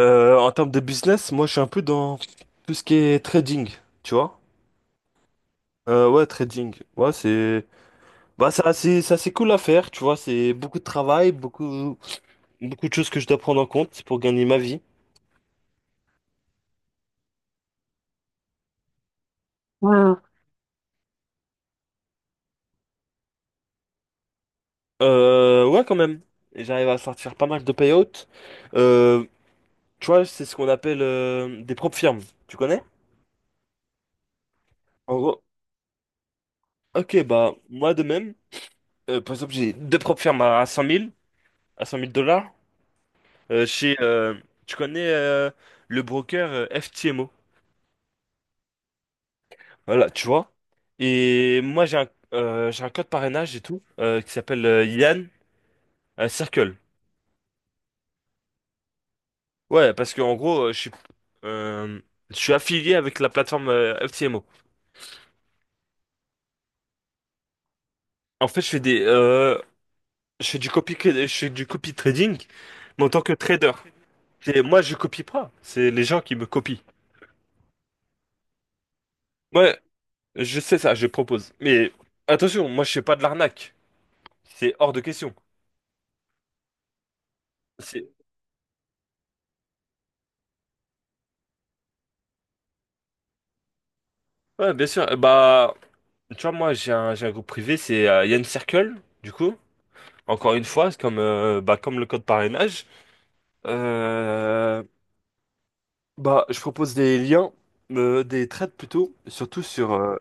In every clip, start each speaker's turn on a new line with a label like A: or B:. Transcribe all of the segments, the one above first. A: En termes de business, moi je suis un peu dans tout ce qui est trading, tu vois. Ouais, trading. Ouais, c'est assez cool à faire, tu vois. C'est beaucoup de travail, beaucoup, beaucoup de choses que je dois prendre en compte pour gagner ma vie. Ouais. Ouais, quand même. Et j'arrive à sortir pas mal de payouts. Euh, Tu vois, c'est ce qu'on appelle des propres firmes. Tu connais? En gros, ok, bah moi de même, par exemple, j'ai deux propres firmes à 100 000, à 100 000 dollars. Euh, chez, euh, Tu connais le broker FTMO. Voilà, tu vois. Et moi, j'ai un code parrainage et tout, qui s'appelle Yann Circle. Ouais, parce que en gros, euh, je suis affilié avec la plateforme FTMO. En fait, je fais des, je fais du copy, je fais du copy trading, mais en tant que trader. Et moi, je copie pas. C'est les gens qui me copient. Ouais, je sais ça, je propose. Mais attention, moi, je fais pas de l'arnaque. C'est hors de question. C'est- Ouais, bien sûr. Bah, tu vois, moi, j'ai un groupe privé, c'est Yann Circle, du coup. Encore une fois, c'est comme, bah, comme le code parrainage. Euh, Bah, je propose des liens, des trades plutôt, surtout sur, euh,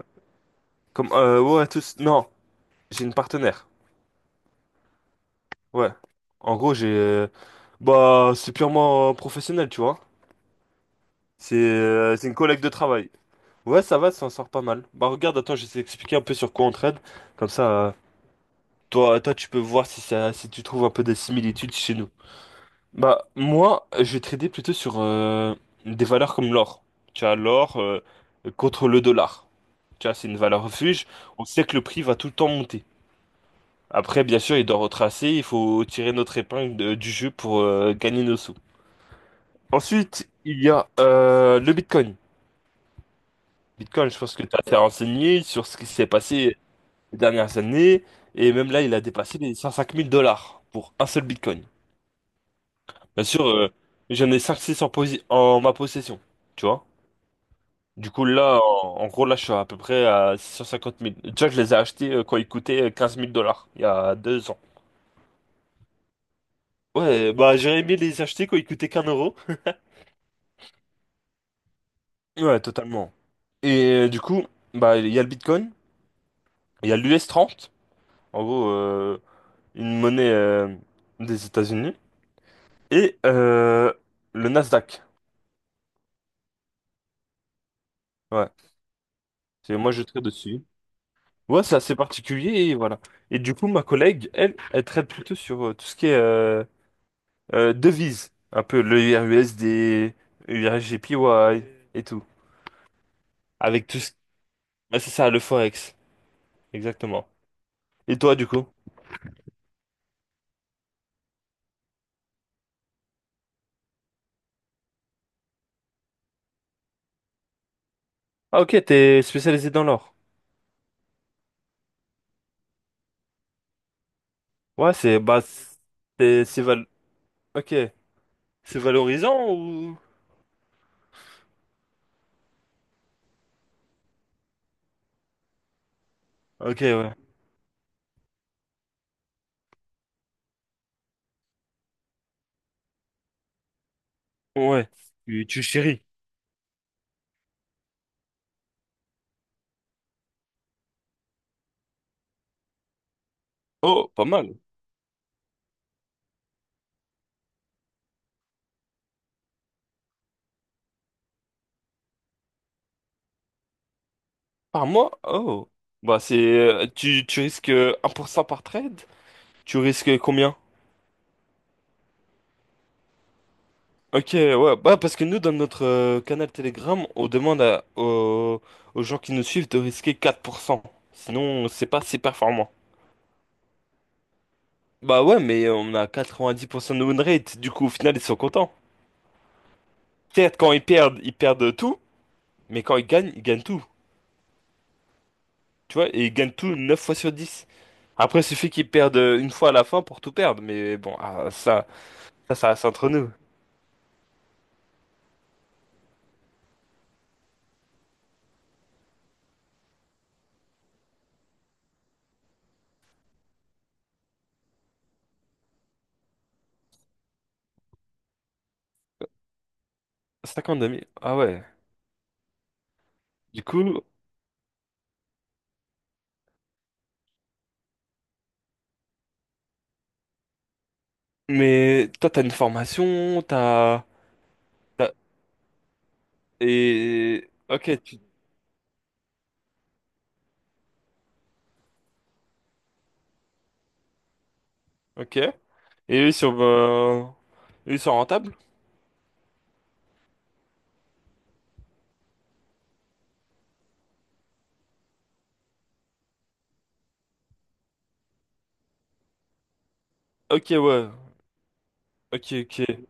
A: comme, euh, ouais, tous. Non, j'ai une partenaire. Ouais. En gros, j'ai, bah, c'est purement professionnel, tu vois. C'est une collègue de travail. Ouais, ça va, ça en sort pas mal. Bah, regarde, attends, je vais t'expliquer un peu sur quoi on trade. Comme ça, toi, tu peux voir si tu trouves un peu des similitudes chez nous. Bah, moi, je vais trader plutôt sur des valeurs comme l'or. Tu as l'or contre le dollar. Tu vois, c'est une valeur refuge. On sait que le prix va tout le temps monter. Après, bien sûr, il doit retracer. Il faut tirer notre épingle du jeu pour gagner nos sous. Ensuite, il y a le Bitcoin. Bitcoin, je pense que tu as été renseigné sur ce qui s'est passé les dernières années. Et même là, il a dépassé les 105 000 dollars pour un seul Bitcoin. Bien sûr, j'en ai cinq-six en ma possession, tu vois. Du coup, là, en gros, là, je suis à peu près à 650 000. Déjà, je les ai achetés quand ils coûtaient 15 000 dollars, il y a 2 ans. Ouais, bah, j'aurais aimé les acheter quand ils coûtaient qu'1 euro. Ouais, totalement. Et du coup, bah, il y a le Bitcoin, il y a l'US 30, en gros, une monnaie des États-Unis, et le Nasdaq. Ouais. Moi, je traite dessus. Ouais, c'est assez particulier, et voilà. Et du coup, ma collègue, elle, elle traite plutôt sur tout ce qui est devises, un peu le URUSD, URGPY et tout. Avec tout ce, ouais, c'est ça, le Forex, exactement. Et toi, du coup? Ah, ok, t'es spécialisé dans l'or. Ouais, c'est... Bah, c'est val... ok. C'est valorisant, ou? Ok, ouais. Ouais. Tu chéris. Oh, pas mal. Par mois? Oh. Bah, tu risques 1% par trade? Tu risques combien? Ok, ouais, bah parce que nous, dans notre canal Telegram, on demande aux gens qui nous suivent de risquer 4%. Sinon, c'est pas assez performant. Bah ouais, mais on a 90% de win rate, du coup, au final, ils sont contents. Certes, quand ils perdent tout, mais quand ils gagnent tout. Tu vois, et ils gagnent tout 9 fois sur 10. Après, il suffit qu'ils perdent une fois à la fin pour tout perdre, mais bon, ah, ça reste entre nous. 52 000, ah ouais. Du coup, mais toi, t'as une formation, t'as. Et ok, ok. Et eux ils sont, euh, eux, ils sont rentables? Ok, ouais. Ok, ok.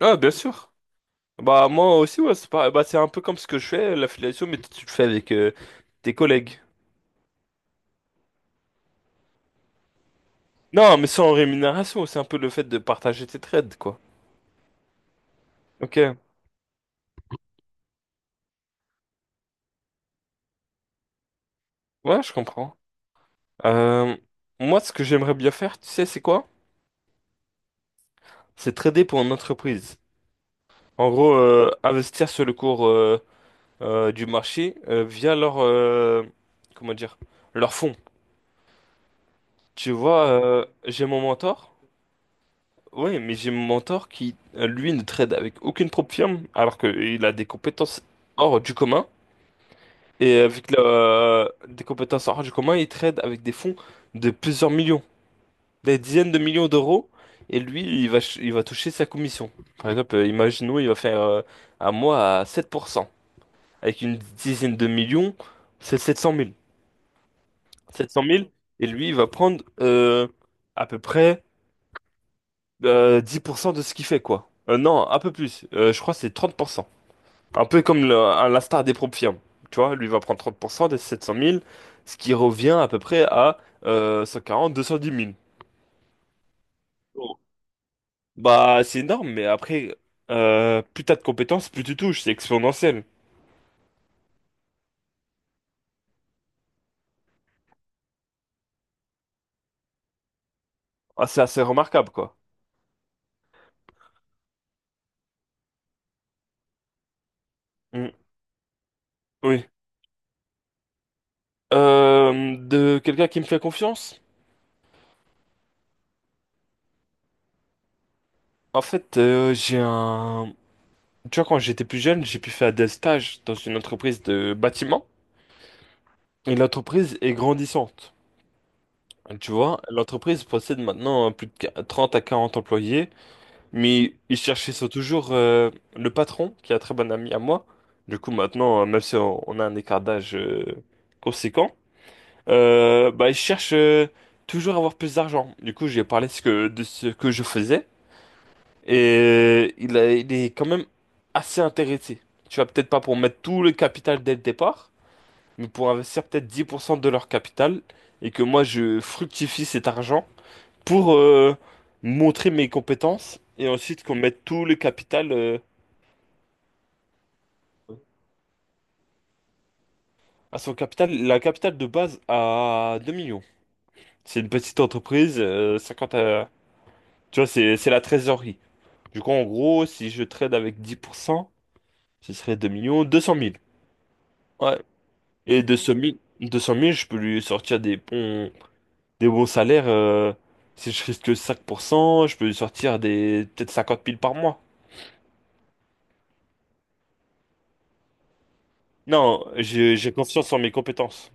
A: Ah, bien sûr. Bah moi aussi, ouais. C'est pas... Bah, c'est un peu comme ce que je fais, l'affiliation, mais tu le fais avec tes collègues. Non, mais sans rémunération, c'est un peu le fait de partager tes trades, quoi. Ok. Ouais, je comprends. Euh, Moi, ce que j'aimerais bien faire, tu sais, c'est quoi? C'est trader pour une entreprise. En gros, investir sur le cours, du marché via leur comment dire, leur fonds. Tu vois, j'ai mon mentor. Oui, mais j'ai mon mentor qui, lui, ne trade avec aucune propre firme, alors qu'il a des compétences hors du commun. Et des compétences hors du commun, il trade avec des fonds de plusieurs millions, des dizaines de millions d'euros. Et lui, il va toucher sa commission. Par exemple, imaginons, il va faire un mois à 7%. Avec une dizaine de millions, c'est 700 000, 700 000, et lui, il va prendre à peu près 10% de ce qu'il fait, quoi. Non, un peu plus. Je crois que c'est 30%. Un peu comme à la star des propres firmes. Tu vois, lui va prendre 30% des 700 000, ce qui revient à peu près à 140, 210 000. Bon. Bah, c'est énorme, mais après, plus t'as de compétences, plus tu touches. C'est exponentiel. Ah, c'est assez remarquable, quoi. Mm. Oui. De quelqu'un qui me fait confiance? En fait, j'ai un. Tu vois, quand j'étais plus jeune, j'ai pu faire des stages dans une entreprise de bâtiment. Et l'entreprise est grandissante. Tu vois, l'entreprise possède maintenant plus de 30 à 40 employés, mais ils cherchaient toujours le patron, qui est un très bon ami à moi. Du coup, maintenant, même si on a un écart d'âge conséquent, bah, ils cherchent toujours à avoir plus d'argent. Du coup, j'ai parlé de ce que je faisais. Et il est quand même assez intéressé. Tu vas peut-être pas pour mettre tout le capital dès le départ, mais pour investir peut-être 10% de leur capital et que moi je fructifie cet argent pour montrer mes compétences et ensuite qu'on mette tout le capital à son capital, la capitale de base à 2 millions. C'est une petite entreprise, 50 tu vois, c'est la trésorerie. Du coup, en gros, si je trade avec 10%, ce serait 2 millions 200 000. Et 200 000, 200 000, je peux lui sortir des bons salaires. Si je risque que 5%, je peux lui sortir des peut-être 50 000 par mois. Non, j'ai confiance en mes compétences.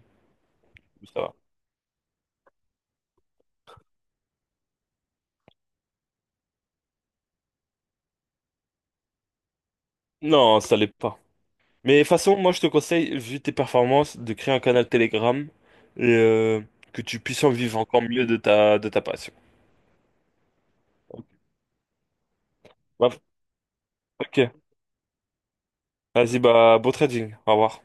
A: Ça va. Non, ça l'est pas. Mais de toute façon, moi, je te conseille, vu tes performances, de créer un canal Telegram et que tu puisses en vivre encore mieux de ta passion. Ok. Bah, ok. Vas-y, bah, beau trading. Au revoir.